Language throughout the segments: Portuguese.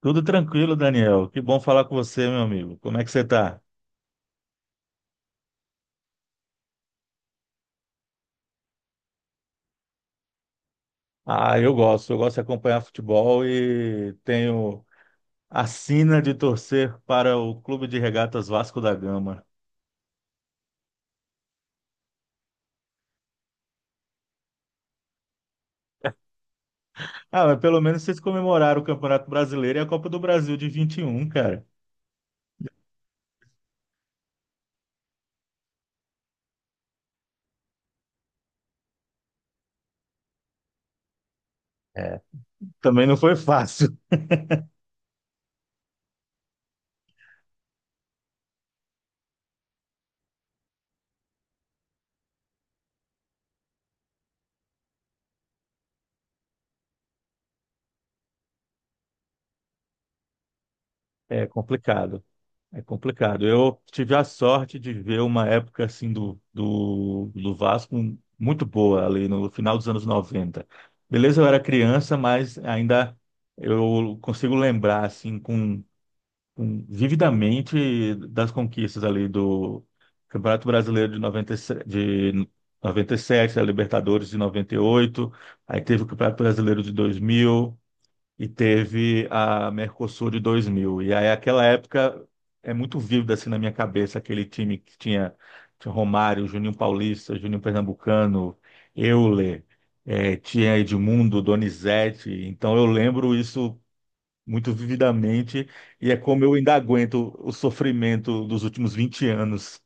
Tudo tranquilo, Daniel. Que bom falar com você, meu amigo. Como é que você tá? Ah, eu gosto. Eu gosto de acompanhar futebol e tenho a sina de torcer para o Clube de Regatas Vasco da Gama. Ah, mas pelo menos vocês comemoraram o Campeonato Brasileiro e a Copa do Brasil de 21, cara. É, também não foi fácil. É complicado. É complicado. Eu tive a sorte de ver uma época assim do Vasco muito boa ali no final dos anos 90. Beleza, eu era criança, mas ainda eu consigo lembrar assim com vividamente das conquistas ali do Campeonato Brasileiro de 97, a Libertadores de 98. Aí teve o Campeonato Brasileiro de 2000 e teve a Mercosul de 2000. E aí, aquela época, é muito vívida assim na minha cabeça aquele time que tinha Romário, Juninho Paulista, Juninho Pernambucano, Euler, tinha Edmundo, Donizete. Então, eu lembro isso muito vividamente e é como eu ainda aguento o sofrimento dos últimos 20 anos.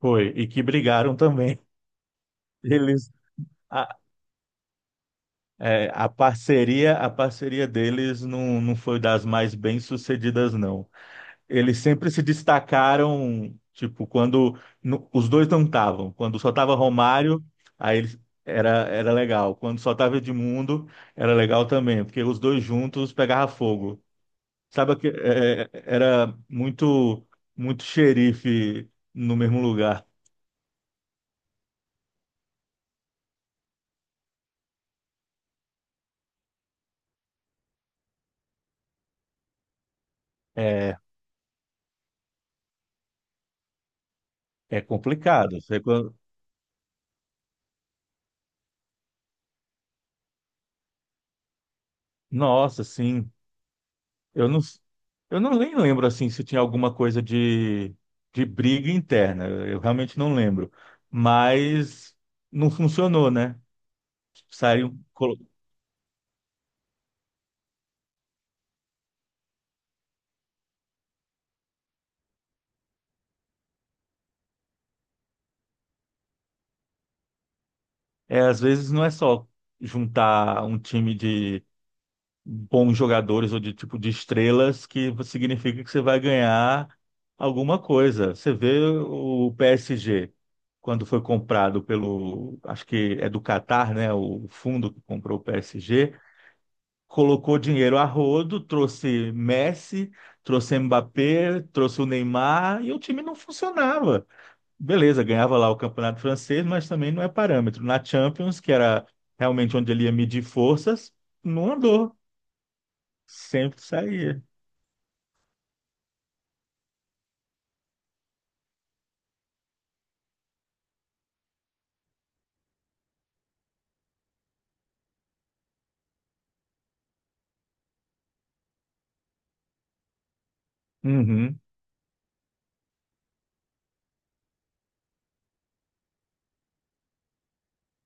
Foi, e que brigaram também. Eles. A, a parceria deles não foi das mais bem-sucedidas, não. Eles sempre se destacaram, tipo, quando os dois não estavam. Quando só tava Romário, aí eles- era legal. Quando só tava Edmundo, era legal também, porque os dois juntos pegava fogo. Sabe que era muito muito xerife no mesmo lugar. É, é complicado. Nossa, sim. Eu não, eu não nem lembro assim se tinha alguma coisa de briga interna. Eu realmente não lembro. Mas não funcionou, né? Saiu. É, às vezes não é só juntar um time de bons jogadores ou de tipo de estrelas que significa que você vai ganhar alguma coisa. Você vê o PSG quando foi comprado pelo, acho que é do Catar, né? O fundo que comprou o PSG. Colocou dinheiro a rodo, trouxe Messi, trouxe Mbappé, trouxe o Neymar e o time não funcionava. Beleza, ganhava lá o campeonato francês, mas também não é parâmetro. Na Champions, que era realmente onde ele ia medir forças, não andou. Sempre saía. Uhum,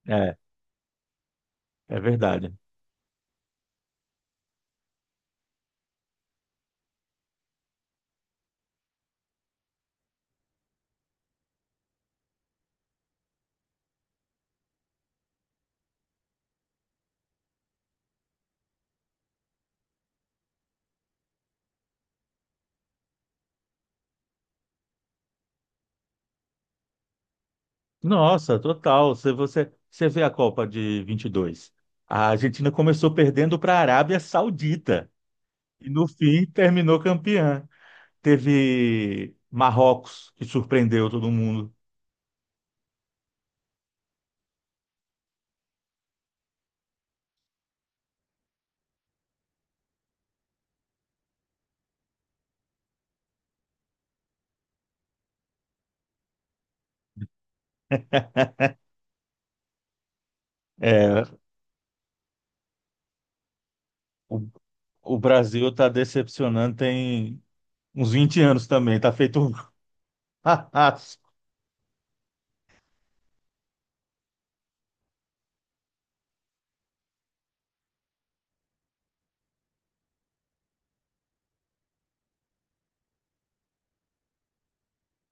é, é verdade. Nossa, total. Se você vê a Copa de 22. A Argentina começou perdendo para a Arábia Saudita e no fim terminou campeã. Teve Marrocos, que surpreendeu todo mundo. É, o, o Brasil está decepcionando tem uns 20 anos também, está feito um carrasco.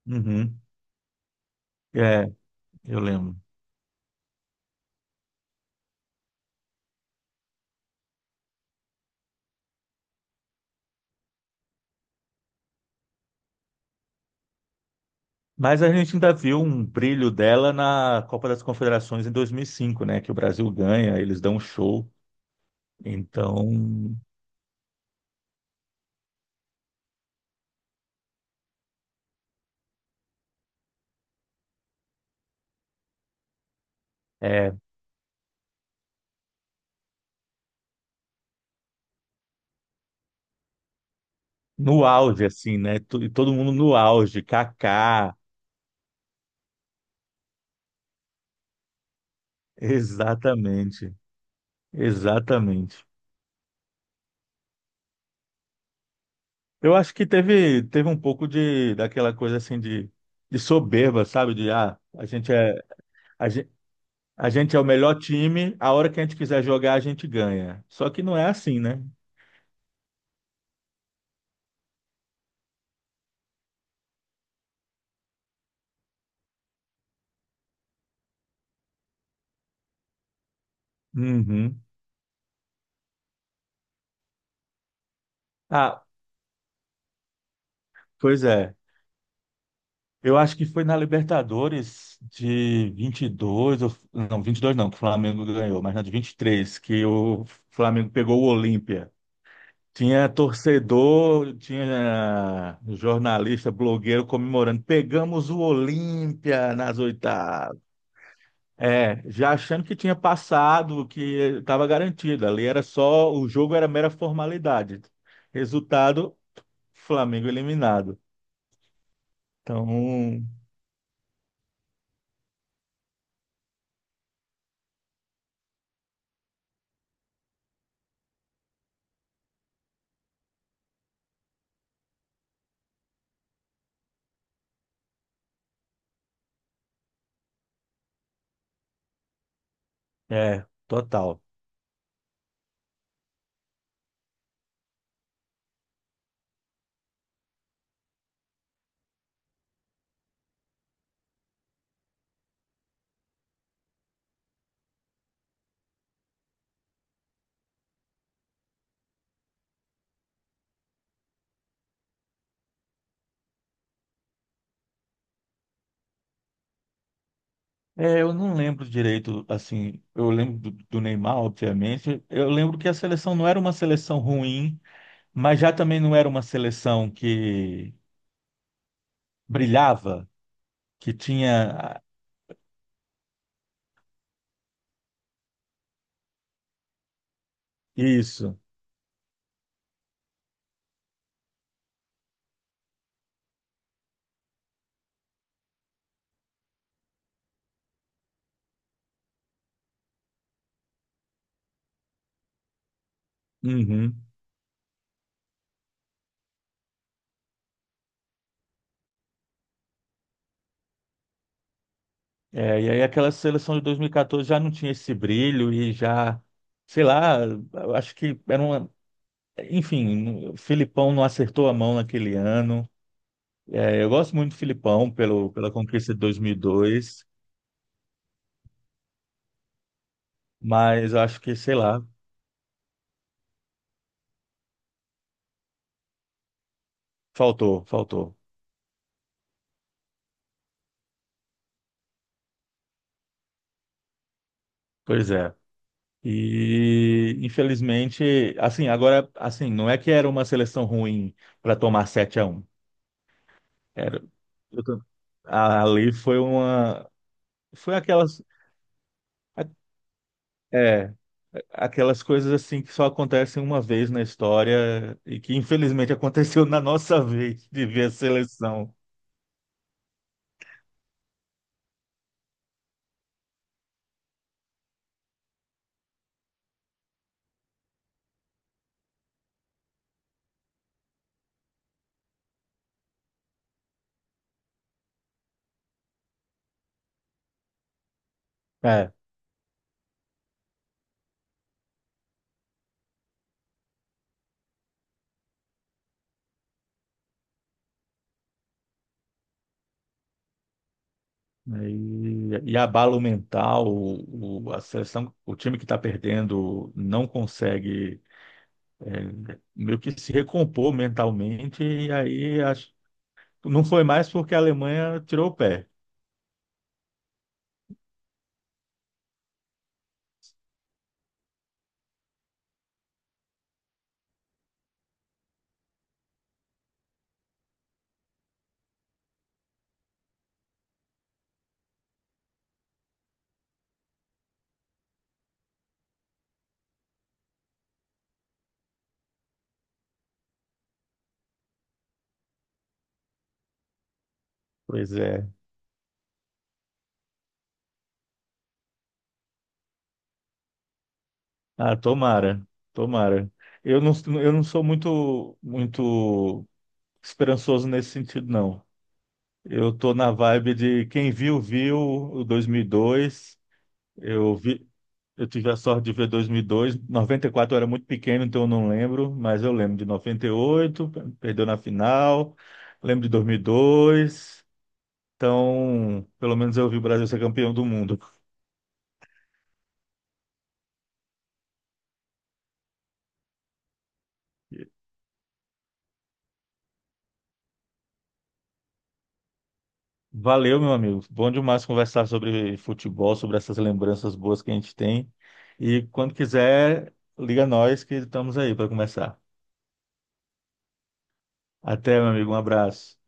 Uhum. É, eu lembro. Mas a gente ainda viu um brilho dela na Copa das Confederações em 2005, né? Que o Brasil ganha, eles dão um show. Então, é, no auge, assim, né? E todo mundo no auge, Kaká, exatamente, exatamente. Eu acho que teve um pouco de daquela coisa assim de soberba, sabe? De a gente é a gente, a gente é o melhor time, a hora que a gente quiser jogar, a gente ganha. Só que não é assim, né? Uhum. Ah, pois é. Eu acho que foi na Libertadores de 22, não, 22, não, que o Flamengo ganhou, mas na de 23 que o Flamengo pegou o Olímpia. Tinha torcedor, tinha jornalista, blogueiro comemorando. Pegamos o Olímpia nas oitavas. É, já achando que tinha passado, que estava garantido. Ali era só, o jogo era mera formalidade. Resultado, Flamengo eliminado. Então, é, total. É, eu não lembro direito, assim, eu lembro do Neymar, obviamente. Eu lembro que a seleção não era uma seleção ruim, mas já também não era uma seleção que brilhava, que tinha isso. Uhum. É, e aí aquela seleção de 2014 já não tinha esse brilho e já, sei lá, eu acho que era uma, enfim, o Filipão não acertou a mão naquele ano. É, eu gosto muito do Filipão pelo, pela conquista de 2002, mas eu acho que, sei lá, faltou, faltou. Pois é. E infelizmente, assim, agora, assim, não é que era uma seleção ruim para tomar 7-1. Eu tô- Ali foi uma. Foi aquelas. a- É, aquelas coisas assim que só acontecem uma vez na história e que infelizmente aconteceu na nossa vez de ver a seleção. É. E abalo mental, a seleção, o time que está perdendo não consegue é, meio que se recompor mentalmente, e aí acho, não foi mais porque a Alemanha tirou o pé. Pois é. Ah, tomara, tomara. Eu não, eu não sou muito, muito esperançoso nesse sentido, não. Eu tô na vibe de quem viu o 2002. Eu vi, eu tive a sorte de ver 2002. 94 eu era muito pequeno, então eu não lembro, mas eu lembro de 98, perdeu na final. Lembro de dois mil e dois. Então, pelo menos eu vi o Brasil ser campeão do mundo. Valeu, meu amigo. Bom demais conversar sobre futebol, sobre essas lembranças boas que a gente tem. E quando quiser, liga nós que estamos aí para conversar. Até, meu amigo. Um abraço.